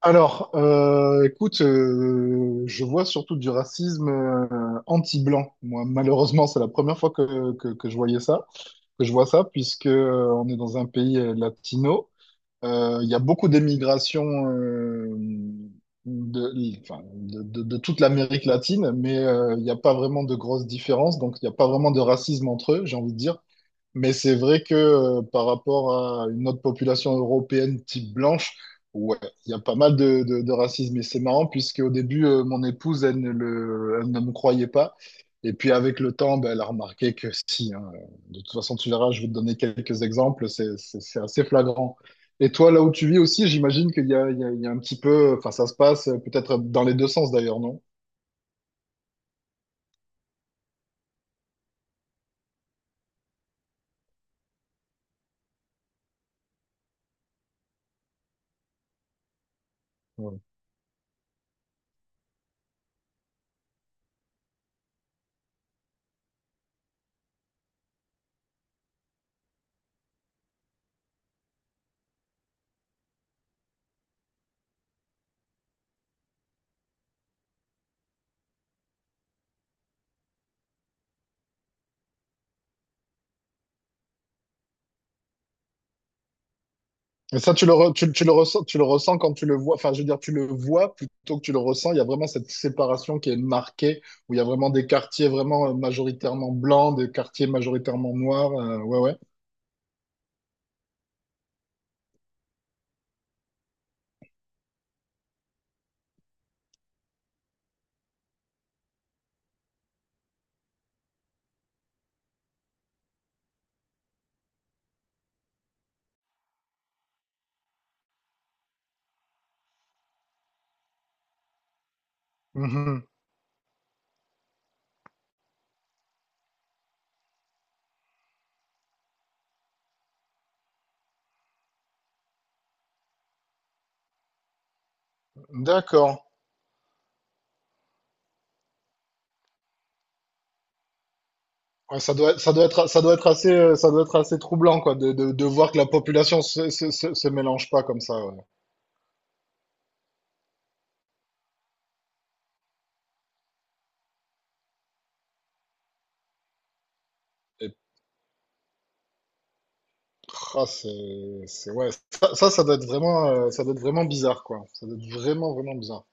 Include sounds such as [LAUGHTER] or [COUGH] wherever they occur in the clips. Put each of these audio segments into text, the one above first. Alors, écoute, je vois surtout du racisme anti-blanc. Moi, malheureusement, c'est la première fois que je voyais ça, que je vois ça, puisque on est dans un pays latino. Il y a beaucoup d'émigration euh, enfin, de toute l'Amérique latine, mais il n'y a pas vraiment de grosses différences, donc il n'y a pas vraiment de racisme entre eux, j'ai envie de dire. Mais c'est vrai que par rapport à une autre population européenne type blanche, ouais, il y a pas mal de racisme. Et c'est marrant puisque au début, mon épouse, elle ne me croyait pas. Et puis avec le temps, ben, elle a remarqué que si, hein, de toute façon, tu verras, je vais te donner quelques exemples, c'est assez flagrant. Et toi, là où tu vis aussi, j'imagine qu'il y a un petit peu, enfin ça se passe peut-être dans les deux sens d'ailleurs, non? Ouais. Et ça, tu le ressens quand tu le vois. Enfin, je veux dire, tu le vois plutôt que tu le ressens. Il y a vraiment cette séparation qui est marquée, où il y a vraiment des quartiers vraiment majoritairement blancs, des quartiers majoritairement noirs. Ouais, ouais. Mhm. D'accord. Ouais, ça doit être assez, ça doit être assez troublant, quoi, de voir que la population se mélange pas comme ça. Ouais. Et, ah, c'est, ouais. Ça doit être vraiment, ça doit être vraiment bizarre, quoi. Ça doit être vraiment, vraiment bizarre.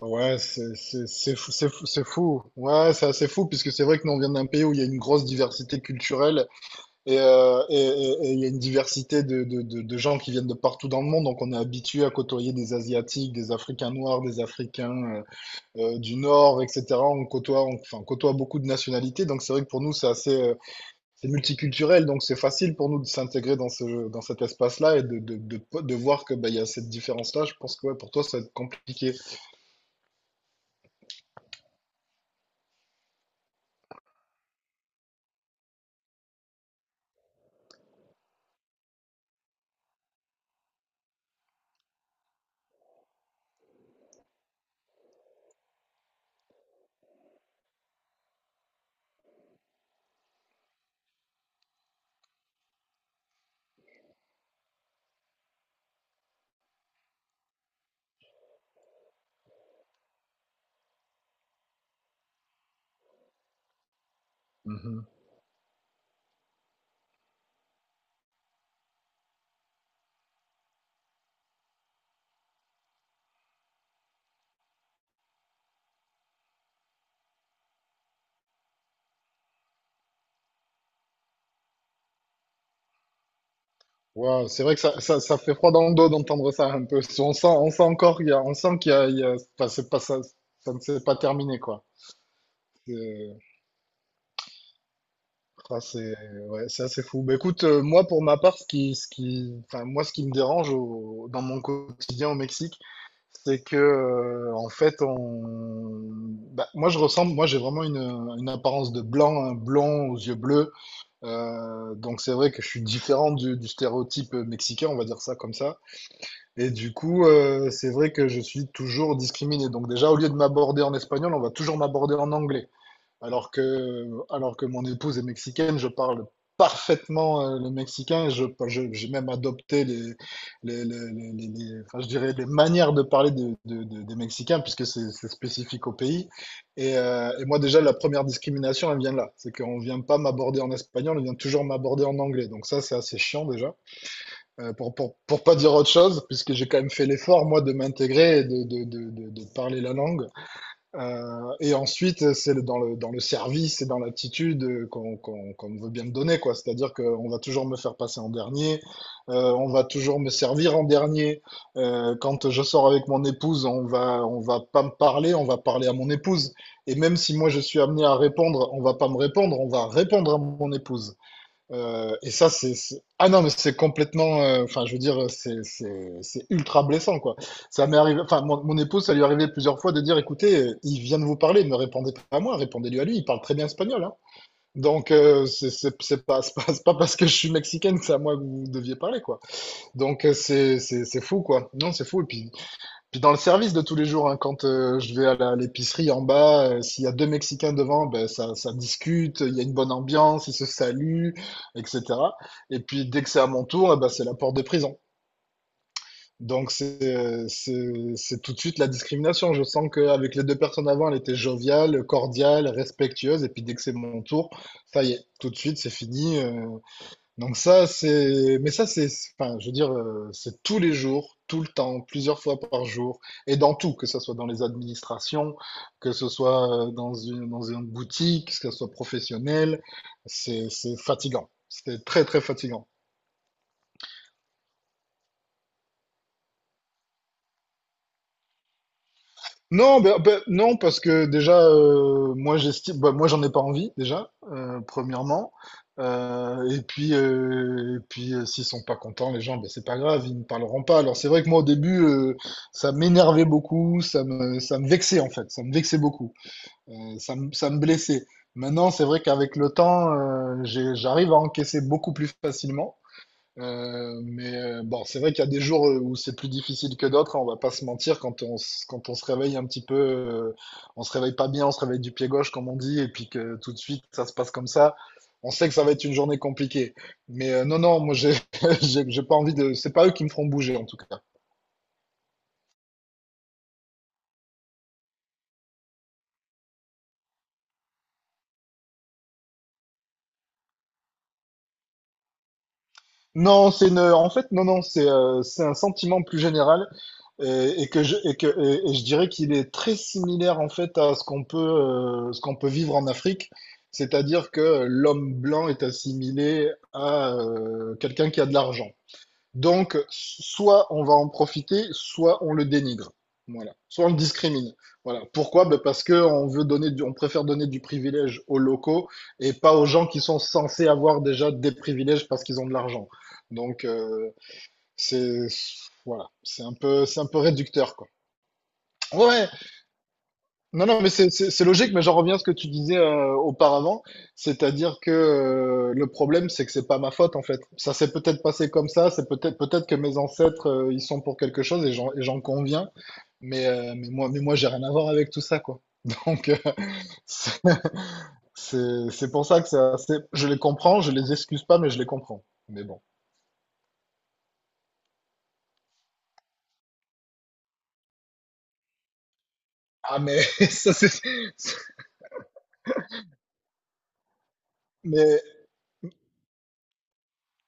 Ouais, c'est fou, c'est fou, c'est fou. Ouais, c'est assez fou puisque c'est vrai que nous on vient d'un pays où il y a une grosse diversité culturelle et il y a une diversité de gens qui viennent de partout dans le monde. Donc on est habitué à côtoyer des Asiatiques, des Africains noirs, des Africains du Nord, etc. Enfin, on côtoie beaucoup de nationalités. Donc c'est vrai que pour nous c'est multiculturel. Donc c'est facile pour nous de s'intégrer dans cet espace-là et de voir que bah, il y a cette différence-là. Je pense que ouais, pour toi ça va être compliqué. Waouh, c'est vrai que ça fait froid dans le dos d'entendre ça un peu. On sent encore, on sent qu'enfin, c'est pas, ça ne s'est pas terminé, quoi. C'est ah, c'est- ouais, c'est assez fou. Bah, écoute, moi, pour ma part, enfin, moi, ce qui me dérange dans mon quotidien au Mexique, c'est que, en fait, bah, moi, j'ai vraiment une apparence de blanc, un blond aux yeux bleus. Donc, c'est vrai que je suis différent du stéréotype mexicain, on va dire ça comme ça. Et du coup, c'est vrai que je suis toujours discriminé. Donc déjà, au lieu de m'aborder en espagnol, on va toujours m'aborder en anglais. Alors que mon épouse est mexicaine, je parle parfaitement, le mexicain et je j'ai même adopté les enfin, je dirais, les manières de parler de des Mexicains puisque c'est spécifique au pays et moi déjà, la première discrimination, elle vient là. C'est qu'on vient pas m'aborder en espagnol, on vient toujours m'aborder en anglais. Donc ça, c'est assez chiant déjà, pour pas dire autre chose, puisque j'ai quand même fait l'effort, moi, de m'intégrer et de parler la langue. Et ensuite, c'est le- dans le, dans le service et dans l'attitude qu'on veut bien me donner, quoi. C'est-à-dire qu'on va toujours me faire passer en dernier, on va toujours me servir en dernier. Quand je sors avec mon épouse, on va pas me parler, on va parler à mon épouse. Et même si moi je suis amené à répondre, on va pas me répondre, on va répondre à mon épouse. Et ça, ah non, mais c'est complètement... enfin, je veux dire, c'est ultra blessant, quoi. Ça m'est arrivé... Enfin, mon épouse, ça lui est arrivé plusieurs fois de dire, écoutez, il vient de vous parler, ne répondez pas à moi, répondez-lui à lui, il parle très bien espagnol, hein. Donc, c'est pas parce que je suis mexicaine que c'est à moi que vous deviez parler, quoi. Donc, c'est fou, quoi. Non, c'est fou. Puis dans le service de tous les jours, hein, quand je vais l'épicerie en bas, s'il y a deux Mexicains devant, ben, ça discute, il y a une bonne ambiance, ils se saluent, etc. Et puis dès que c'est à mon tour, eh ben, c'est la porte de prison. Donc c'est tout de suite la discrimination. Je sens qu'avec les deux personnes avant, elle était joviale, cordiale, respectueuse. Et puis dès que c'est mon tour, ça y est, tout de suite, c'est fini. Donc ça, c'est... Mais ça, c'est... Enfin, je veux dire, c'est tous les jours, tout le temps, plusieurs fois par jour, et dans tout, que ce soit dans les administrations, que ce soit dans une boutique, que ce soit professionnel, c'est fatigant. C'est très, très fatigant. Non, non, parce que déjà, moi j'estime, bah, moi j'en ai pas envie déjà, premièrement. Et puis, s'ils sont pas contents, les gens, ben c'est pas grave, ils ne parleront pas. Alors c'est vrai que moi au début, ça m'énervait beaucoup, ça me vexait en fait, ça me vexait beaucoup. Euh, ça me blessait. Maintenant, c'est vrai qu'avec le temps, j'arrive à encaisser beaucoup plus facilement. Mais bon, c'est vrai qu'il y a des jours où c'est plus difficile que d'autres, hein, on va pas se mentir, quand on se réveille un petit peu, on se réveille pas bien, on se réveille du pied gauche, comme on dit, et puis que tout de suite ça se passe comme ça, on sait que ça va être une journée compliquée. Mais non, non, moi j'ai [LAUGHS] j'ai pas envie de. C'est pas eux qui me feront bouger en tout cas. Non, en fait, non, non, c'est un sentiment plus général et que je, et que, et je dirais qu'il est très similaire en fait à ce qu'on peut vivre en Afrique, c'est-à-dire que l'homme blanc est assimilé à quelqu'un qui a de l'argent. Donc, soit on va en profiter, soit on le dénigre. Voilà. Soit on le discrimine. Voilà. Pourquoi? Ben parce que on préfère donner du privilège aux locaux et pas aux gens qui sont censés avoir déjà des privilèges parce qu'ils ont de l'argent. Donc, c'est, voilà. C'est un peu réducteur, quoi. Ouais. Non, non, mais c'est logique, mais j'en reviens à ce que tu disais auparavant, c'est-à-dire que le problème, c'est que c'est pas ma faute en fait. Ça s'est peut-être passé comme ça, c'est peut-être que mes ancêtres ils sont pour quelque chose et j'en conviens, mais moi j'ai rien à voir avec tout ça quoi. [LAUGHS] Donc c'est c'est c'est pour ça que c'est assez... je les comprends, je les excuse pas, mais je les comprends. Mais bon. Ah, mais [LAUGHS] ça c'est mais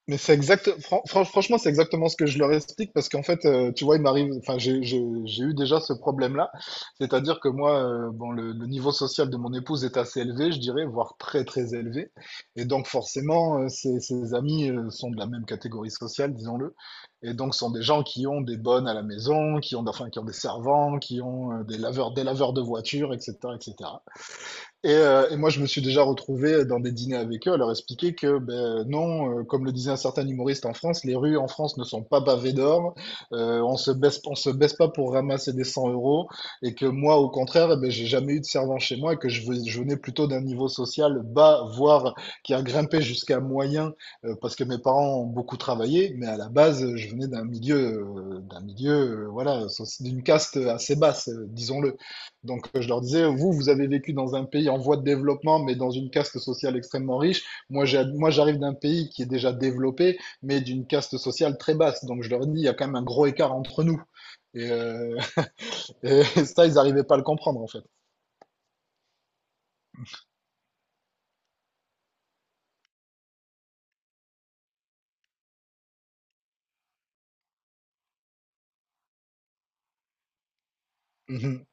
Mais c'est exact, franchement, c'est exactement ce que je leur explique parce qu'en fait, tu vois, il m'arrive, enfin, j'ai eu déjà ce problème-là. C'est-à-dire que moi, bon, le niveau social de mon épouse est assez élevé, je dirais, voire très, très élevé. Et donc, forcément, ses amis sont de la même catégorie sociale, disons-le. Et donc, sont des gens qui ont des bonnes à la maison, enfin, qui ont des servants, qui ont des laveurs de voitures, etc., etc. Et moi, je me suis déjà retrouvé dans des dîners avec eux à leur expliquer que ben, non, comme le disait un certain humoriste en France, les rues en France ne sont pas pavées d'or, on se baisse pas pour ramasser des 100 euros, et que moi, au contraire, eh ben, j'ai jamais eu de servant chez moi, et que je venais plutôt d'un niveau social bas, voire qui a grimpé jusqu'à moyen, parce que mes parents ont beaucoup travaillé, mais à la base, je venais d'un milieu, voilà, d'une caste assez basse, disons-le. Donc, je leur disais, vous, vous avez vécu dans un pays en voie de développement, mais dans une caste sociale extrêmement riche. Moi, moi, j'arrive d'un pays qui est déjà développé, mais d'une caste sociale très basse. Donc, je leur dis, il y a quand même un gros écart entre nous. Et, [LAUGHS] et ça, ils n'arrivaient pas à le comprendre, en fait. Mhm.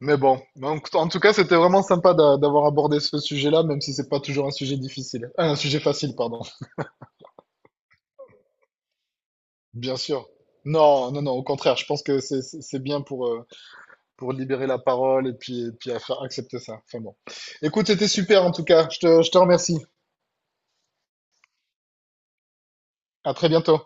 Mais bon, donc, en tout cas, c'était vraiment sympa d'avoir abordé ce sujet-là, même si c'est pas toujours un sujet difficile. Ah, un sujet facile, pardon. Bien sûr. Non, non, non, au contraire, je pense que c'est bien pour libérer la parole et puis à faire accepter ça. Enfin bon. Écoute, c'était super en tout cas. Je te remercie. À très bientôt.